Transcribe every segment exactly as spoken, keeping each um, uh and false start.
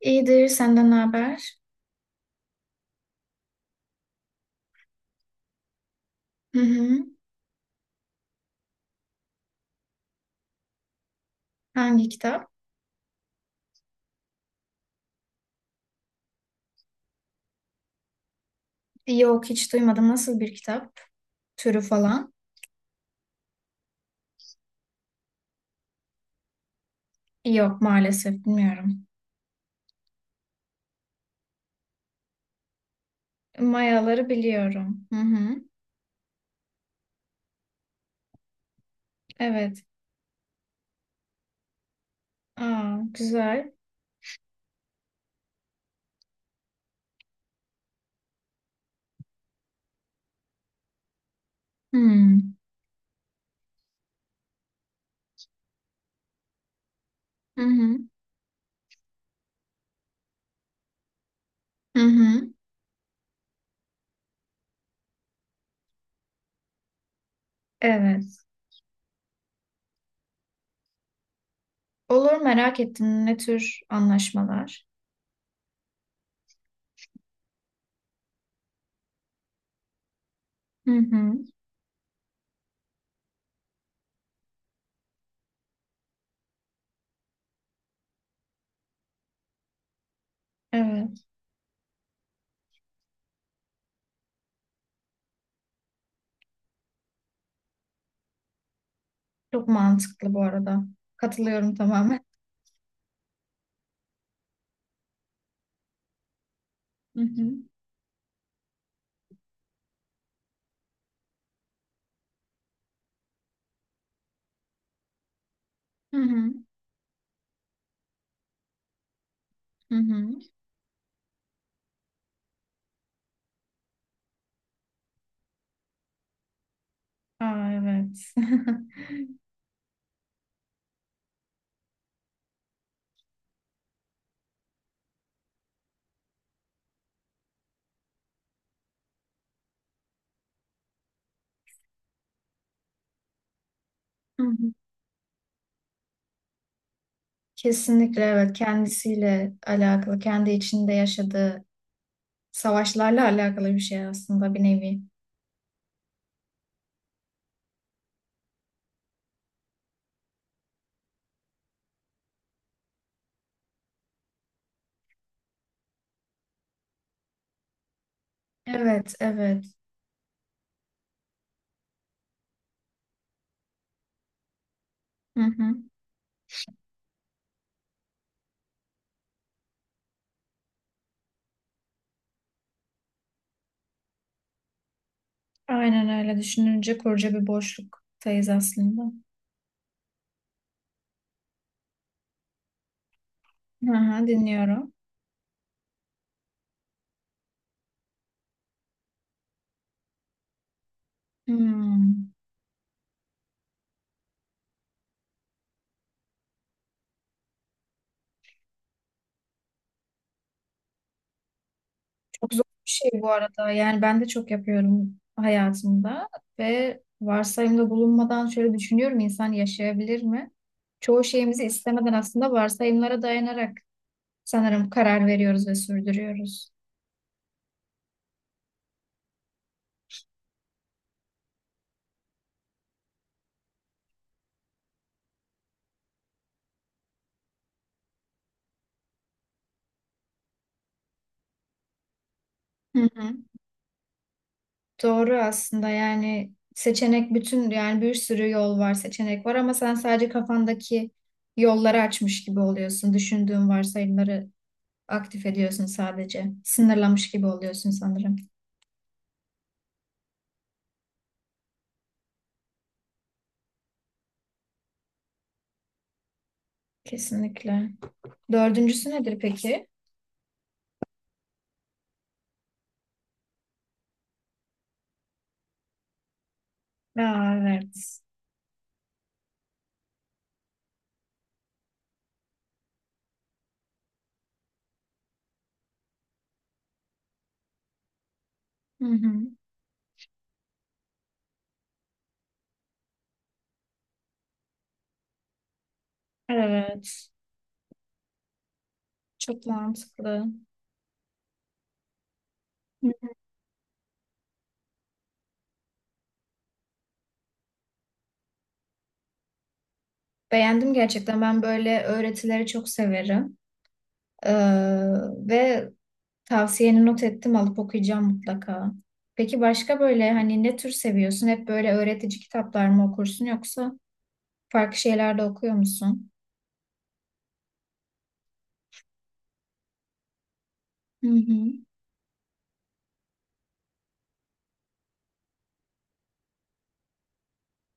İyidir, senden ne haber? Hı hı. Hangi kitap? Yok, hiç duymadım. Nasıl bir kitap? Türü falan? Yok, maalesef bilmiyorum. Mayaları biliyorum. Hı hı. Evet. Aa, güzel. Hmm. Hı hı. Hı hı. Evet. Olur, merak ettim. Ne tür anlaşmalar? Hı hı. Evet. Çok mantıklı bu arada. Katılıyorum tamamen. Hı hı. Hı hı. Hı hı. Aa, evet. Hı hı. Kesinlikle, evet, kendisiyle alakalı, kendi içinde yaşadığı savaşlarla alakalı bir şey aslında, bir nevi. Evet, evet. Hı hı. Aynen, öyle düşününce koca bir boşluktayız aslında. Hı hı, dinliyorum. Hmm. Çok zor bir şey bu arada. Yani ben de çok yapıyorum hayatımda ve varsayımda bulunmadan şöyle düşünüyorum, insan yaşayabilir mi? Çoğu şeyimizi istemeden aslında varsayımlara dayanarak sanırım karar veriyoruz ve sürdürüyoruz. Hı hı. Doğru aslında, yani seçenek bütün, yani bir sürü yol var, seçenek var ama sen sadece kafandaki yolları açmış gibi oluyorsun. Düşündüğün varsayımları aktif ediyorsun sadece. Sınırlamış gibi oluyorsun sanırım. Kesinlikle. Dördüncüsü nedir peki? Aa, evet. Hı hı. Evet. Çok mantıklı. Beğendim gerçekten. Ben böyle öğretileri çok severim. Ee, ve tavsiyeni not ettim, alıp okuyacağım mutlaka. Peki başka böyle hani ne tür seviyorsun? Hep böyle öğretici kitaplar mı okursun yoksa farklı şeyler de okuyor musun? Hı hı.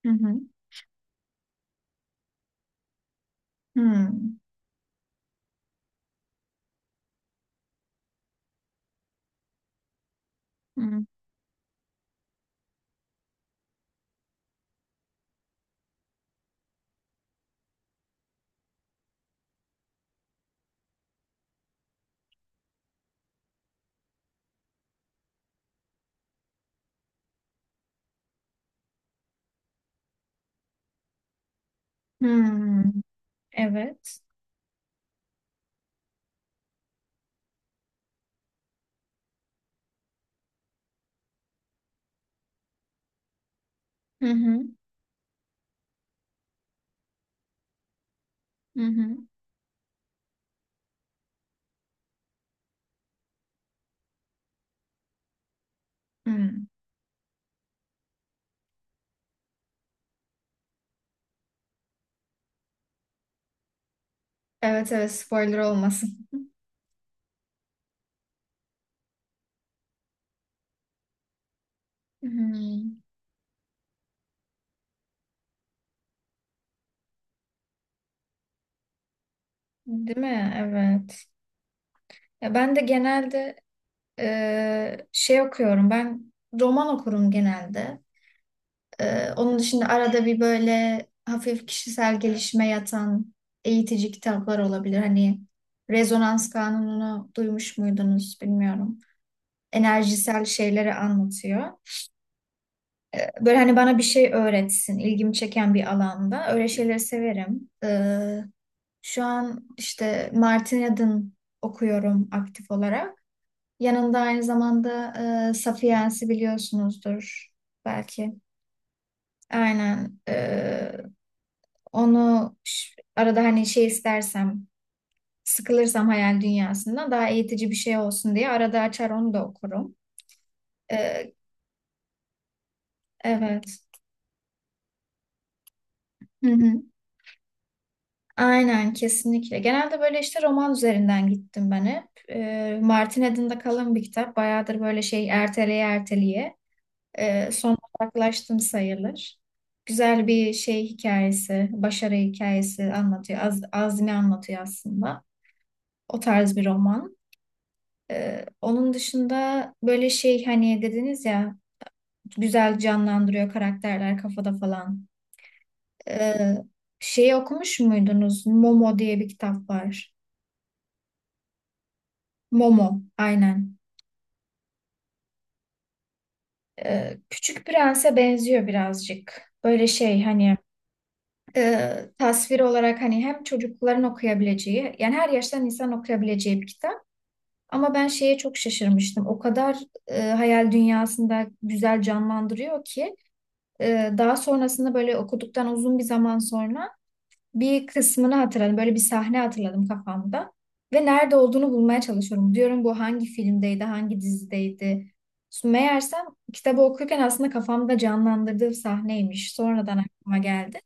Hı hı. Hı. Hı. Hı. Evet. Hı hı. Hı hı. Hı. Evet, evet, spoiler olmasın. Hı. Değil mi? Evet. Ya ben de genelde e, şey okuyorum. Ben roman okurum genelde. Ee, onun dışında arada bir böyle hafif kişisel gelişime yatan eğitici kitaplar olabilir. Hani rezonans kanununu duymuş muydunuz, bilmiyorum. Enerjisel şeyleri anlatıyor. Ee, böyle hani bana bir şey öğretsin, ilgimi çeken bir alanda. Öyle şeyleri severim. Ee, şu an işte Martin Eden okuyorum aktif olarak. Yanında aynı zamanda e, Sapiens'i biliyorsunuzdur belki. Aynen. Onu ş- arada hani şey istersem, sıkılırsam hayal dünyasından daha eğitici bir şey olsun diye arada açar onu da okurum. Ee, evet. Hı hı. Aynen, kesinlikle. Genelde böyle işte roman üzerinden gittim ben hep. Ee, Martin Eden'de kalın bir kitap. Bayağıdır böyle şey erteleye erteleye. Ee, son uzaklaştım sayılır. Güzel bir şey, hikayesi, başarı hikayesi anlatıyor. Az, azmi anlatıyor aslında. O tarz bir roman. Ee, onun dışında böyle şey hani dediniz ya, güzel canlandırıyor karakterler kafada falan. Ee, şeyi okumuş muydunuz? Momo diye bir kitap var. Momo, aynen. Ee, Küçük Prens'e benziyor birazcık. Böyle şey hani e, tasvir olarak hani hem çocukların okuyabileceği yani her yaştan insan okuyabileceği bir kitap. Ama ben şeye çok şaşırmıştım. O kadar e, hayal dünyasında güzel canlandırıyor ki. Ee, daha sonrasında böyle okuduktan uzun bir zaman sonra bir kısmını hatırladım. Böyle bir sahne hatırladım kafamda. Ve nerede olduğunu bulmaya çalışıyorum. Diyorum bu hangi filmdeydi, hangi dizideydi. Meğersem kitabı okurken aslında kafamda canlandırdığım sahneymiş. Sonradan aklıma geldi.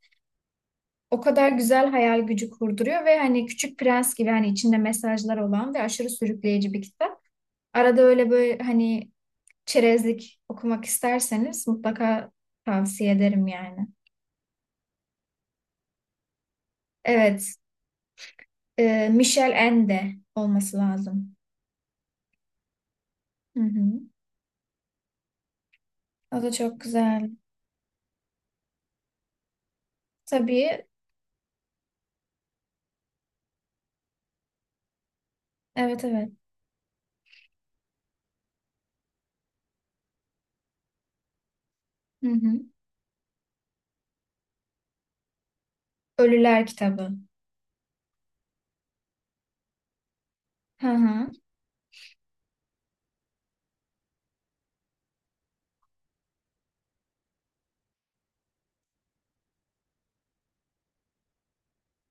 O kadar güzel hayal gücü kurduruyor ve hani Küçük Prens gibi hani içinde mesajlar olan ve aşırı sürükleyici bir kitap. Arada öyle böyle hani çerezlik okumak isterseniz mutlaka tavsiye ederim yani. Evet, Ee, Michel Ende olması lazım. Hı hı. O da çok güzel. Tabii. Evet, evet. Hı hı. Ölüler kitabı. Hı hı.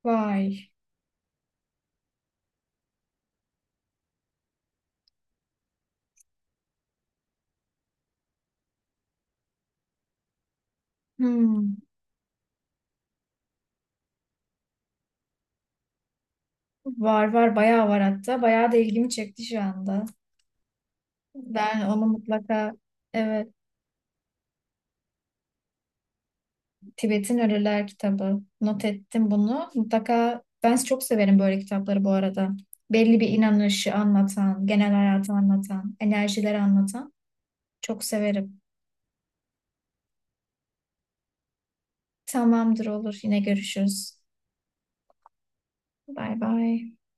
Vay. Hmm. Var var, bayağı var hatta. Bayağı da ilgimi çekti şu anda. Ben onu mutlaka, evet, Tibet'in Ölüler kitabı. Not ettim bunu. Mutlaka, ben çok severim böyle kitapları bu arada. Belli bir inanışı anlatan, genel hayatı anlatan, enerjileri anlatan. Çok severim. Tamamdır, olur. Yine görüşürüz. Bay bay.